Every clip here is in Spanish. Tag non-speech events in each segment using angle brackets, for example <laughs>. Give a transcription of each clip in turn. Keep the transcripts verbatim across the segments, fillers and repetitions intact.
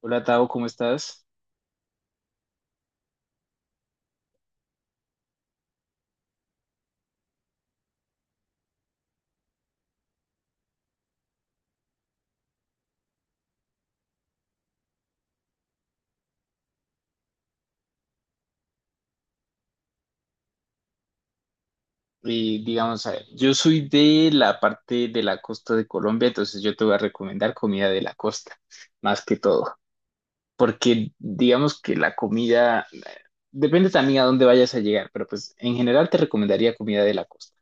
Hola Tao, ¿cómo estás? Y digamos, a ver, yo soy de la parte de la costa de Colombia, entonces yo te voy a recomendar comida de la costa, más que todo, porque digamos que la comida, eh, depende también a dónde vayas a llegar, pero pues en general te recomendaría comida de la costa.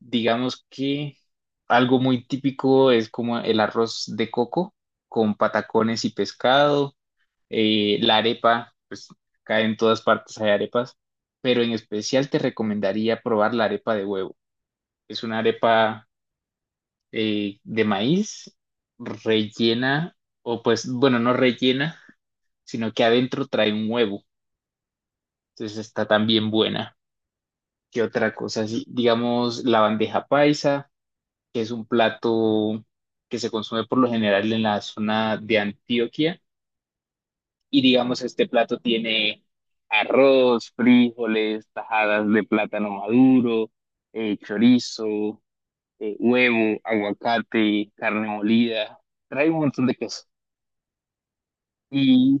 Digamos que algo muy típico es como el arroz de coco con patacones y pescado. Eh, la arepa, pues acá en todas partes hay arepas, pero en especial te recomendaría probar la arepa de huevo. Es una arepa eh, de maíz rellena, o pues, bueno, no rellena, sino que adentro trae un huevo. Entonces está también buena. ¿Qué otra cosa? Así, digamos, la bandeja paisa, que es un plato que se consume por lo general en la zona de Antioquia. Y digamos, este plato tiene arroz, frijoles, tajadas de plátano maduro, eh, chorizo, eh, huevo, aguacate, carne molida. Trae un montón de cosas. Y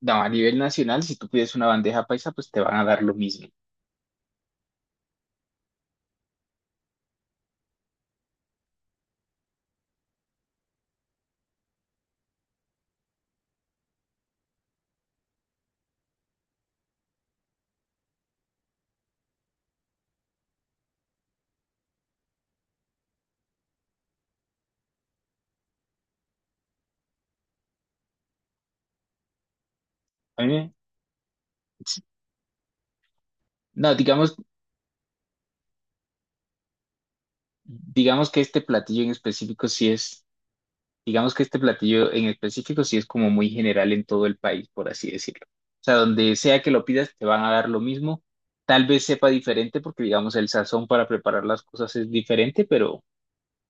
no, a nivel nacional, si tú pides una bandeja paisa, pues te van a dar lo mismo. A mí me- No, digamos, digamos que este platillo en específico sí es Digamos que este platillo en específico sí es como muy general en todo el país, por así decirlo. O sea, donde sea que lo pidas, te van a dar lo mismo. Tal vez sepa diferente porque, digamos, el sazón para preparar las cosas es diferente, pero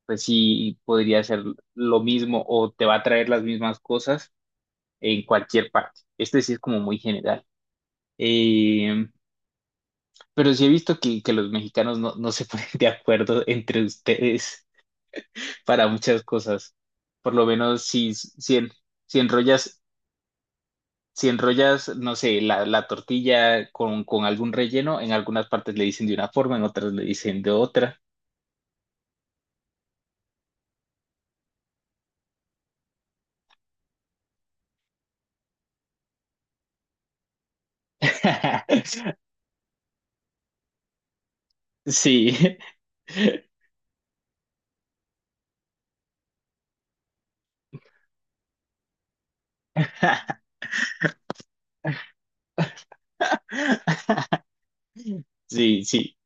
pues sí podría ser lo mismo o te va a traer las mismas cosas en cualquier parte. Este sí es como muy general. Eh, pero sí he visto que, que los mexicanos no, no se <laughs> ponen de acuerdo entre ustedes para muchas cosas. Por lo menos si, si, en- si enrollas si enrollas, no sé, la, la tortilla con, con algún relleno, en algunas partes le dicen de una forma, en otras le dicen de otra. <laughs> Sí, <laughs> sí, sí.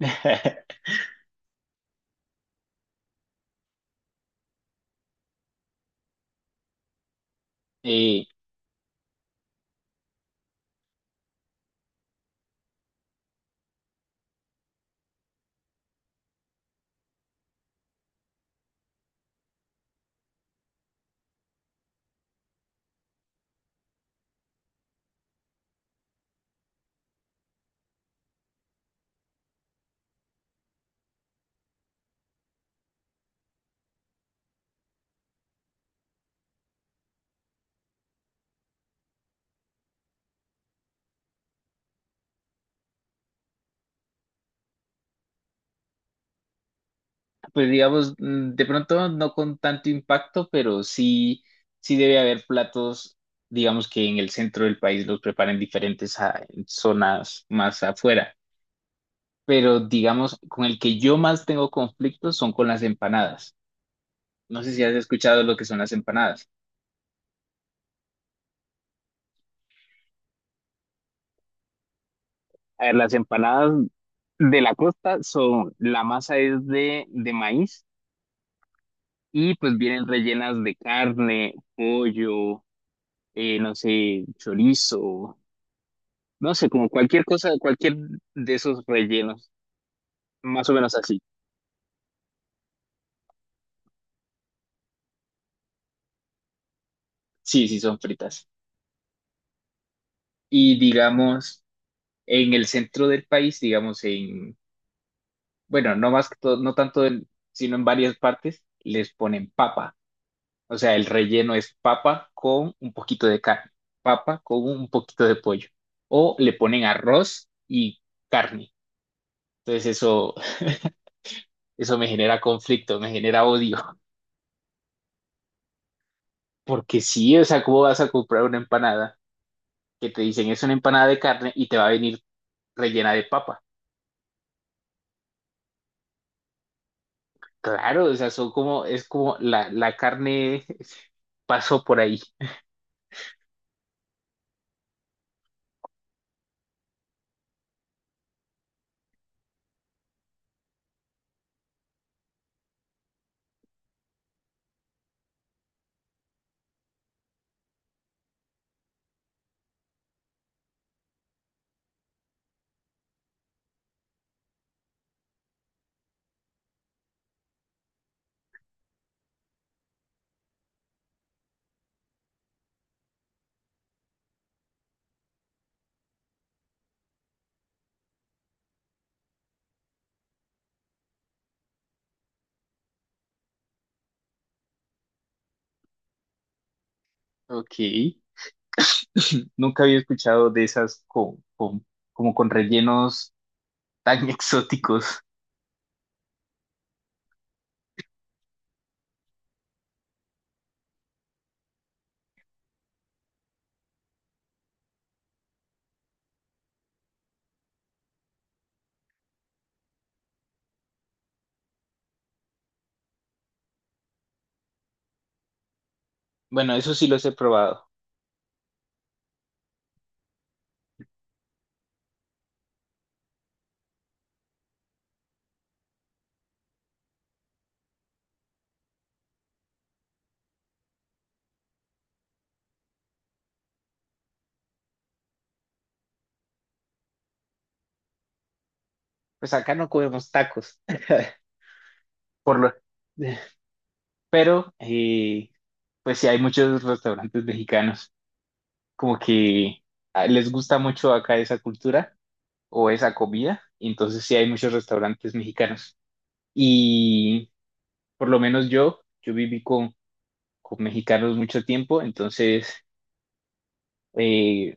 <laughs> Eh, pues digamos, mm, de pronto no con tanto impacto, pero sí, sí debe haber platos, digamos que en el centro del país los preparan diferentes a en zonas más afuera. Pero digamos, con el que yo más tengo conflictos son con las empanadas. No sé si has escuchado lo que son las empanadas. A ver, las empanadas de la costa son, la masa es de, de maíz y pues vienen rellenas de carne, pollo, eh, no sé, chorizo, no sé, como cualquier cosa, cualquier de esos rellenos, más o menos así. Sí, sí, son fritas. Y digamos, en el centro del país, digamos en, bueno, no más que todo, no tanto, en- sino en varias partes, les ponen papa. O sea, el relleno es papa con un poquito de carne, papa con un poquito de pollo. O le ponen arroz y carne. Entonces eso, eso me genera conflicto, me genera odio. <laughs> Porque sí, o sea, ¿cómo vas a comprar una empanada que te dicen es una empanada de carne y te va a venir rellena de papa? Claro, o sea, son como, es como la, la carne <laughs> pasó por ahí. Ok. <laughs> <clears throat> Nunca había escuchado de esas con, con, como con rellenos tan <laughs> exóticos. Bueno, eso sí los he probado. Pues acá no comemos tacos. <laughs> Por lo... Pero, eh, pues sí, hay muchos restaurantes mexicanos como que ah, les gusta mucho acá esa cultura o esa comida. y Entonces sí hay muchos restaurantes mexicanos. Y por lo menos yo, yo viví con, con mexicanos mucho tiempo, entonces eh,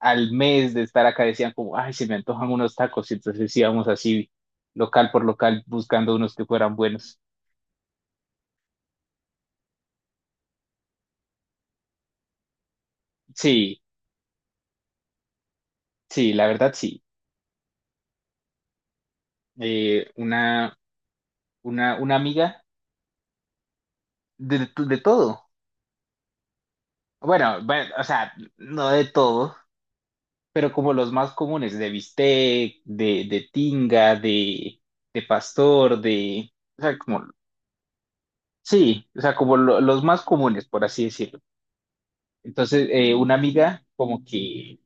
al mes de estar acá decían como, ay, se me antojan unos tacos. Y entonces íbamos así local por local buscando unos que fueran buenos. Sí, sí, la verdad sí. Eh, una, una, una amiga de, de todo. Bueno, bueno, o sea, no de todo, pero como los más comunes, de bistec, de, de tinga, de, de pastor, de... O sea, como... Sí, o sea, como lo- los más comunes, por así decirlo. Entonces, eh, una amiga como que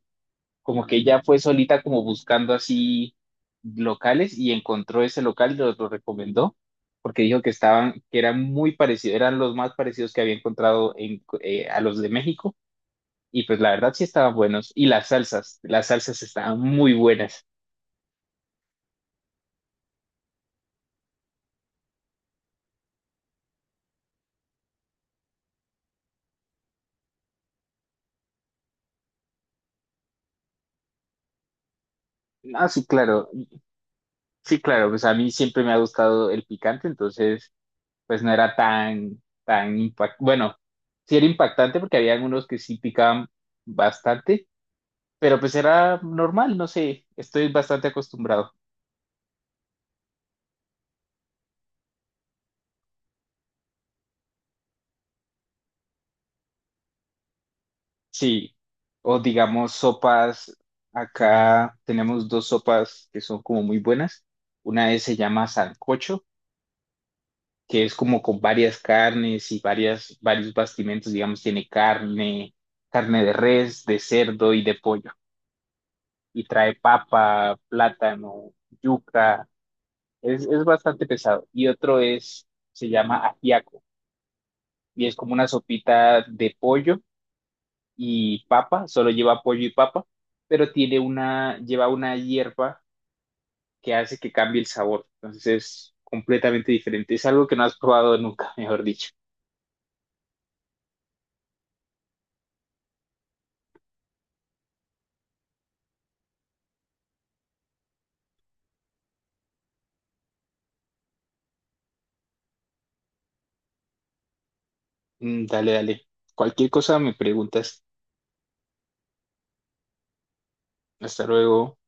como que ella fue solita como buscando así locales y encontró ese local, y los lo recomendó, porque dijo que estaban, que eran muy parecidos, eran los más parecidos que había encontrado en, eh, a los de México, y pues la verdad sí estaban buenos, y las salsas, las salsas estaban muy buenas. Ah, sí, claro, sí, claro, pues a mí siempre me ha gustado el picante, entonces pues no era tan, tan impactante, bueno, sí era impactante porque había algunos que sí picaban bastante, pero pues era normal, no sé, estoy bastante acostumbrado. Sí, o digamos sopas, acá tenemos dos sopas que son como muy buenas. Una es, se llama sancocho, que es como con varias carnes y varias, varios bastimentos, digamos, tiene carne, carne de res, de cerdo y de pollo. Y trae papa, plátano, yuca, es, es bastante pesado. Y otro es, se llama ajiaco, y es como una sopita de pollo y papa, solo lleva pollo y papa, pero tiene una, lleva una hierba que hace que cambie el sabor. Entonces es completamente diferente. Es algo que no has probado nunca, <laughs> mejor dicho. Mm, dale, dale. Cualquier cosa me preguntas. Hasta luego.